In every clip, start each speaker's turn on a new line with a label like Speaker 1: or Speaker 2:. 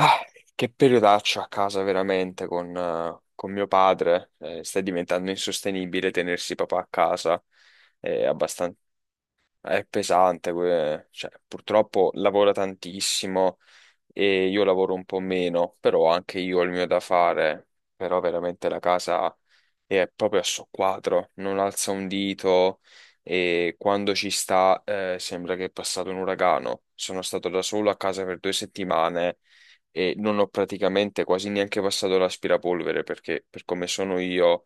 Speaker 1: Ah, che periodaccio a casa veramente con con mio padre. Sta diventando insostenibile tenersi papà a casa. È abbastanza, è pesante. Cioè, purtroppo lavora tantissimo e io lavoro un po' meno, però anche io ho il mio da fare. Però veramente la casa è proprio a soqquadro, non alza un dito e quando ci sta, sembra che è passato un uragano. Sono stato da solo a casa per due settimane e non ho praticamente quasi neanche passato l'aspirapolvere perché per come sono io,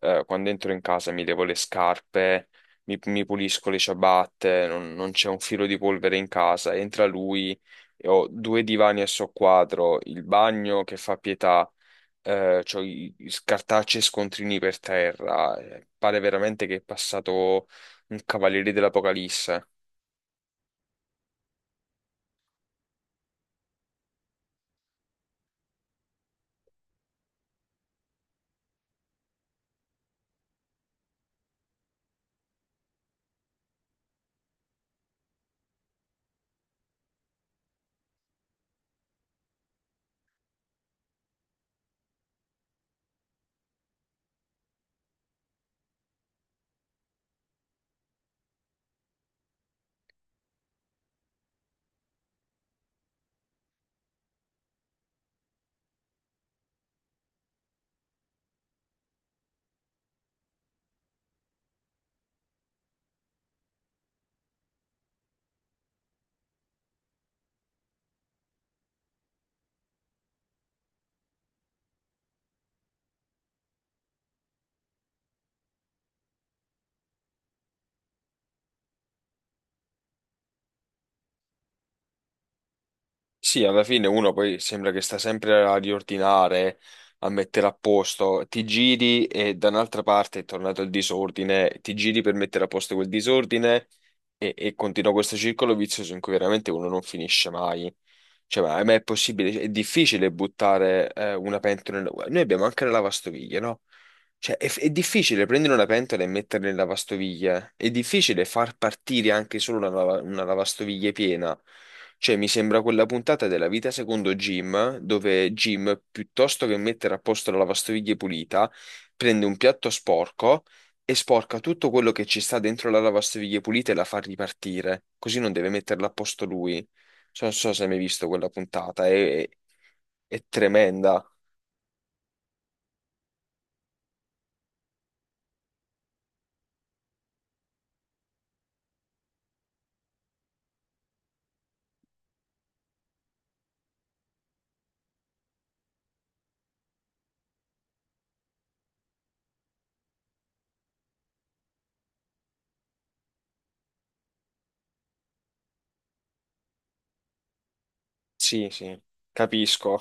Speaker 1: quando entro in casa mi levo le scarpe, mi pulisco le ciabatte, non c'è un filo di polvere in casa, entra lui, e ho due divani a soqquadro, il bagno che fa pietà, i cartacei e scontrini per terra, pare veramente che è passato un cavaliere dell'Apocalisse. Sì, alla fine uno poi sembra che sta sempre a riordinare, a mettere a posto, ti giri e da un'altra parte è tornato il disordine, ti giri per mettere a posto quel disordine e continua questo circolo vizioso in cui veramente uno non finisce mai. Cioè, ma è possibile, è difficile buttare una pentola nella Noi abbiamo anche la lavastoviglie, no? Cioè, è difficile prendere una pentola e metterla in lavastoviglie, è difficile far partire anche solo una lavastoviglie piena. Cioè, mi sembra quella puntata della vita secondo Jim, dove Jim, piuttosto che mettere a posto la lavastoviglie pulita, prende un piatto sporco e sporca tutto quello che ci sta dentro la lavastoviglie pulita e la fa ripartire, così non deve metterla a posto lui. Non so se hai mai visto quella puntata, è tremenda. Sì, sì, capisco.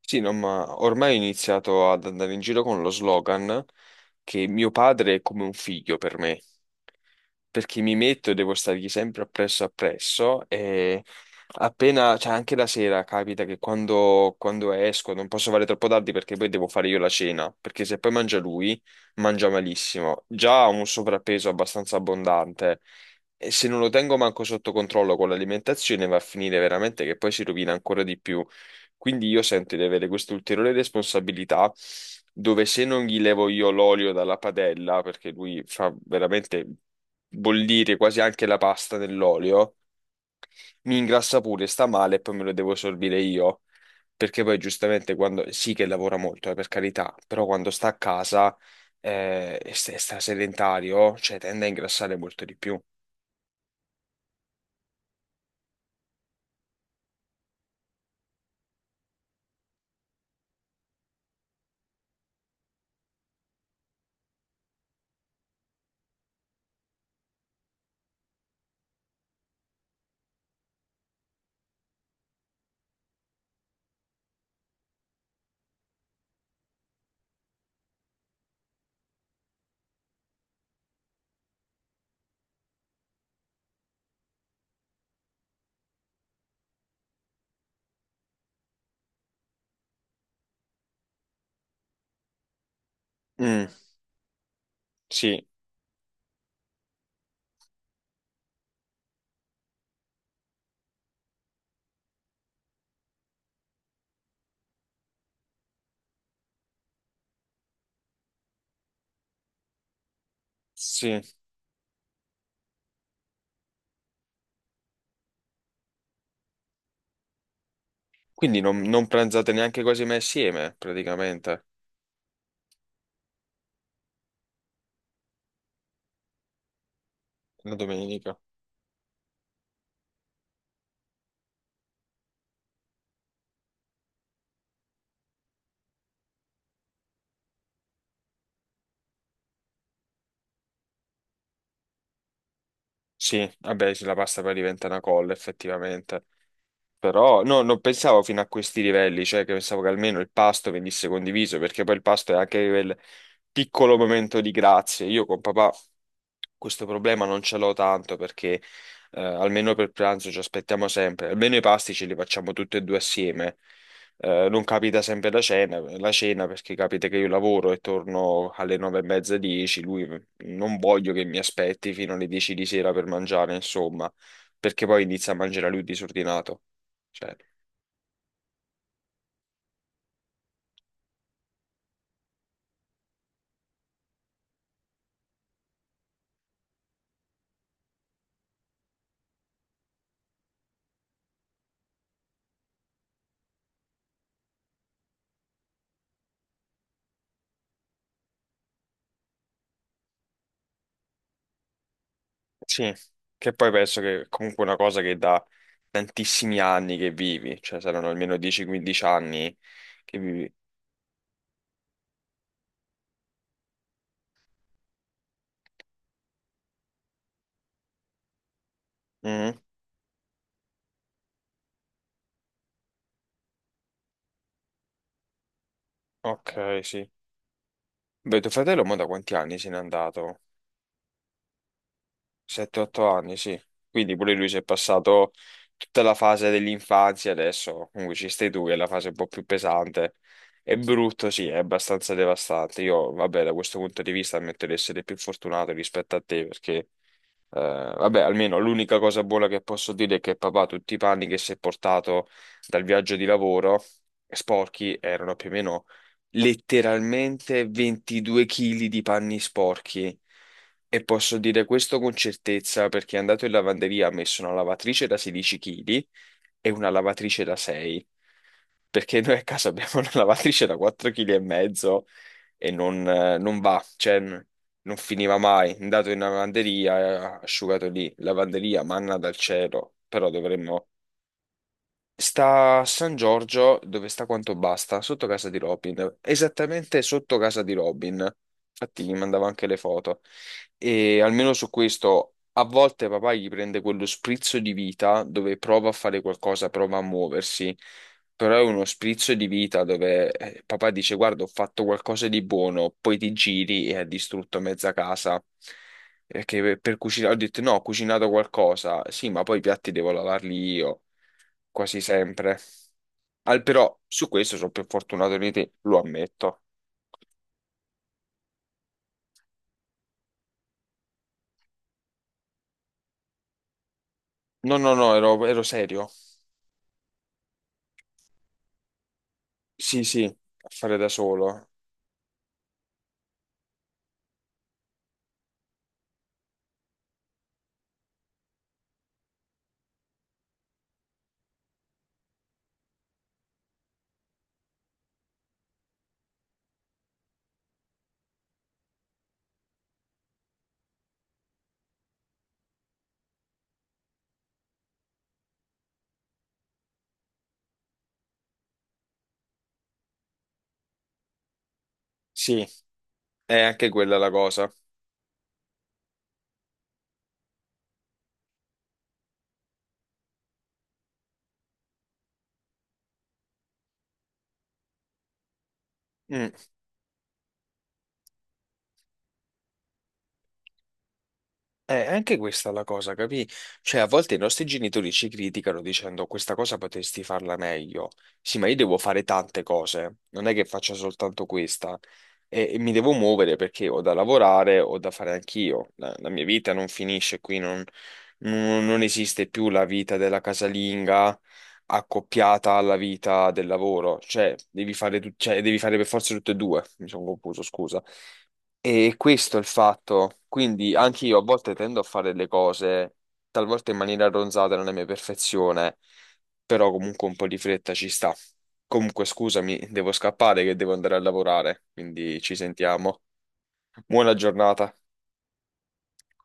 Speaker 1: Sì, no, ma ormai ho iniziato ad andare in giro con lo slogan che mio padre è come un figlio per me. Perché mi metto e devo stargli sempre appresso appresso e appena, cioè anche la sera capita che quando esco non posso fare troppo tardi perché poi devo fare io la cena, perché se poi mangia lui, mangia malissimo. Già ha un sovrappeso abbastanza abbondante e se non lo tengo manco sotto controllo con l'alimentazione va a finire veramente che poi si rovina ancora di più, quindi io sento di avere questa ulteriore responsabilità dove se non gli levo io l'olio dalla padella, perché lui fa veramente bollire quasi anche la pasta nell'olio, mi ingrassa pure, sta male e poi me lo devo sorbire io. Perché poi giustamente quando sì che lavora molto, per carità, però quando sta a casa e sta sedentario, cioè tende a ingrassare molto di più. Mm, sì, sì. Quindi non pranzate neanche quasi mai assieme, praticamente, la domenica. Sì, vabbè, sì, la pasta poi diventa una colla effettivamente. Però no, non pensavo fino a questi livelli, cioè che pensavo che almeno il pasto venisse condiviso, perché poi il pasto è anche quel piccolo momento di grazie. Io con papà questo problema non ce l'ho tanto perché almeno per pranzo ci aspettiamo sempre, almeno i pasti ce li facciamo tutti e due assieme. Non capita sempre la cena perché capita che io lavoro e torno alle nove e mezza, dieci, lui non voglio che mi aspetti fino alle dieci di sera per mangiare, insomma, perché poi inizia a mangiare lui disordinato. Cioè, sì, che poi penso che comunque è una cosa che da tantissimi anni che vivi, cioè saranno almeno 10-15 anni che vivi. Mm, ok, sì. Beh, tuo fratello mo da quanti anni se n'è andato? 7-8 anni, sì. Quindi pure lui si è passato tutta la fase dell'infanzia, adesso comunque ci stai tu, che è la fase un po' più pesante. È brutto, sì, è abbastanza devastante. Io, vabbè, da questo punto di vista ammetto di essere più fortunato rispetto a te, perché eh, vabbè, almeno l'unica cosa buona che posso dire è che papà tutti i panni che si è portato dal viaggio di lavoro sporchi erano più o meno letteralmente 22 kg di panni sporchi. E posso dire questo con certezza perché è andato in lavanderia, ha messo una lavatrice da 16 kg e una lavatrice da 6. Perché noi a casa abbiamo una lavatrice da 4,5 kg e non, non va, non finiva mai. Andato in lavanderia, asciugato lì, lavanderia, manna dal cielo, però dovremmo Sta a San Giorgio, dove sta quanto basta, sotto casa di Robin, esattamente sotto casa di Robin. Infatti gli mandavo anche le foto. E almeno su questo, a volte papà gli prende quello sprizzo di vita dove prova a fare qualcosa, prova a muoversi, però è uno sprizzo di vita dove papà dice: Guarda, ho fatto qualcosa di buono, poi ti giri e ha distrutto mezza casa. Perché per cucinare, ho detto: No, ho cucinato qualcosa, sì, ma poi i piatti devo lavarli io quasi sempre. Al però su questo sono più fortunato di te, lo ammetto. No, no, no, ero serio. Sì, sì, a fare da solo. Sì, è anche quella la cosa. Mm, è anche questa la cosa, capì? Cioè, a volte i nostri genitori ci criticano dicendo questa cosa potresti farla meglio. Sì, ma io devo fare tante cose, non è che faccia soltanto questa. E mi devo muovere perché ho da lavorare, ho da fare anch'io. La mia vita non finisce qui, non esiste più la vita della casalinga accoppiata alla vita del lavoro, cioè devi fare, cioè, devi fare per forza tutte e due. Mi sono confuso, scusa. E questo è il fatto. Quindi anche io a volte tendo a fare le cose talvolta in maniera ronzata non è mia perfezione, però comunque un po' di fretta ci sta. Comunque, scusami, devo scappare che devo andare a lavorare, quindi ci sentiamo. Buona giornata.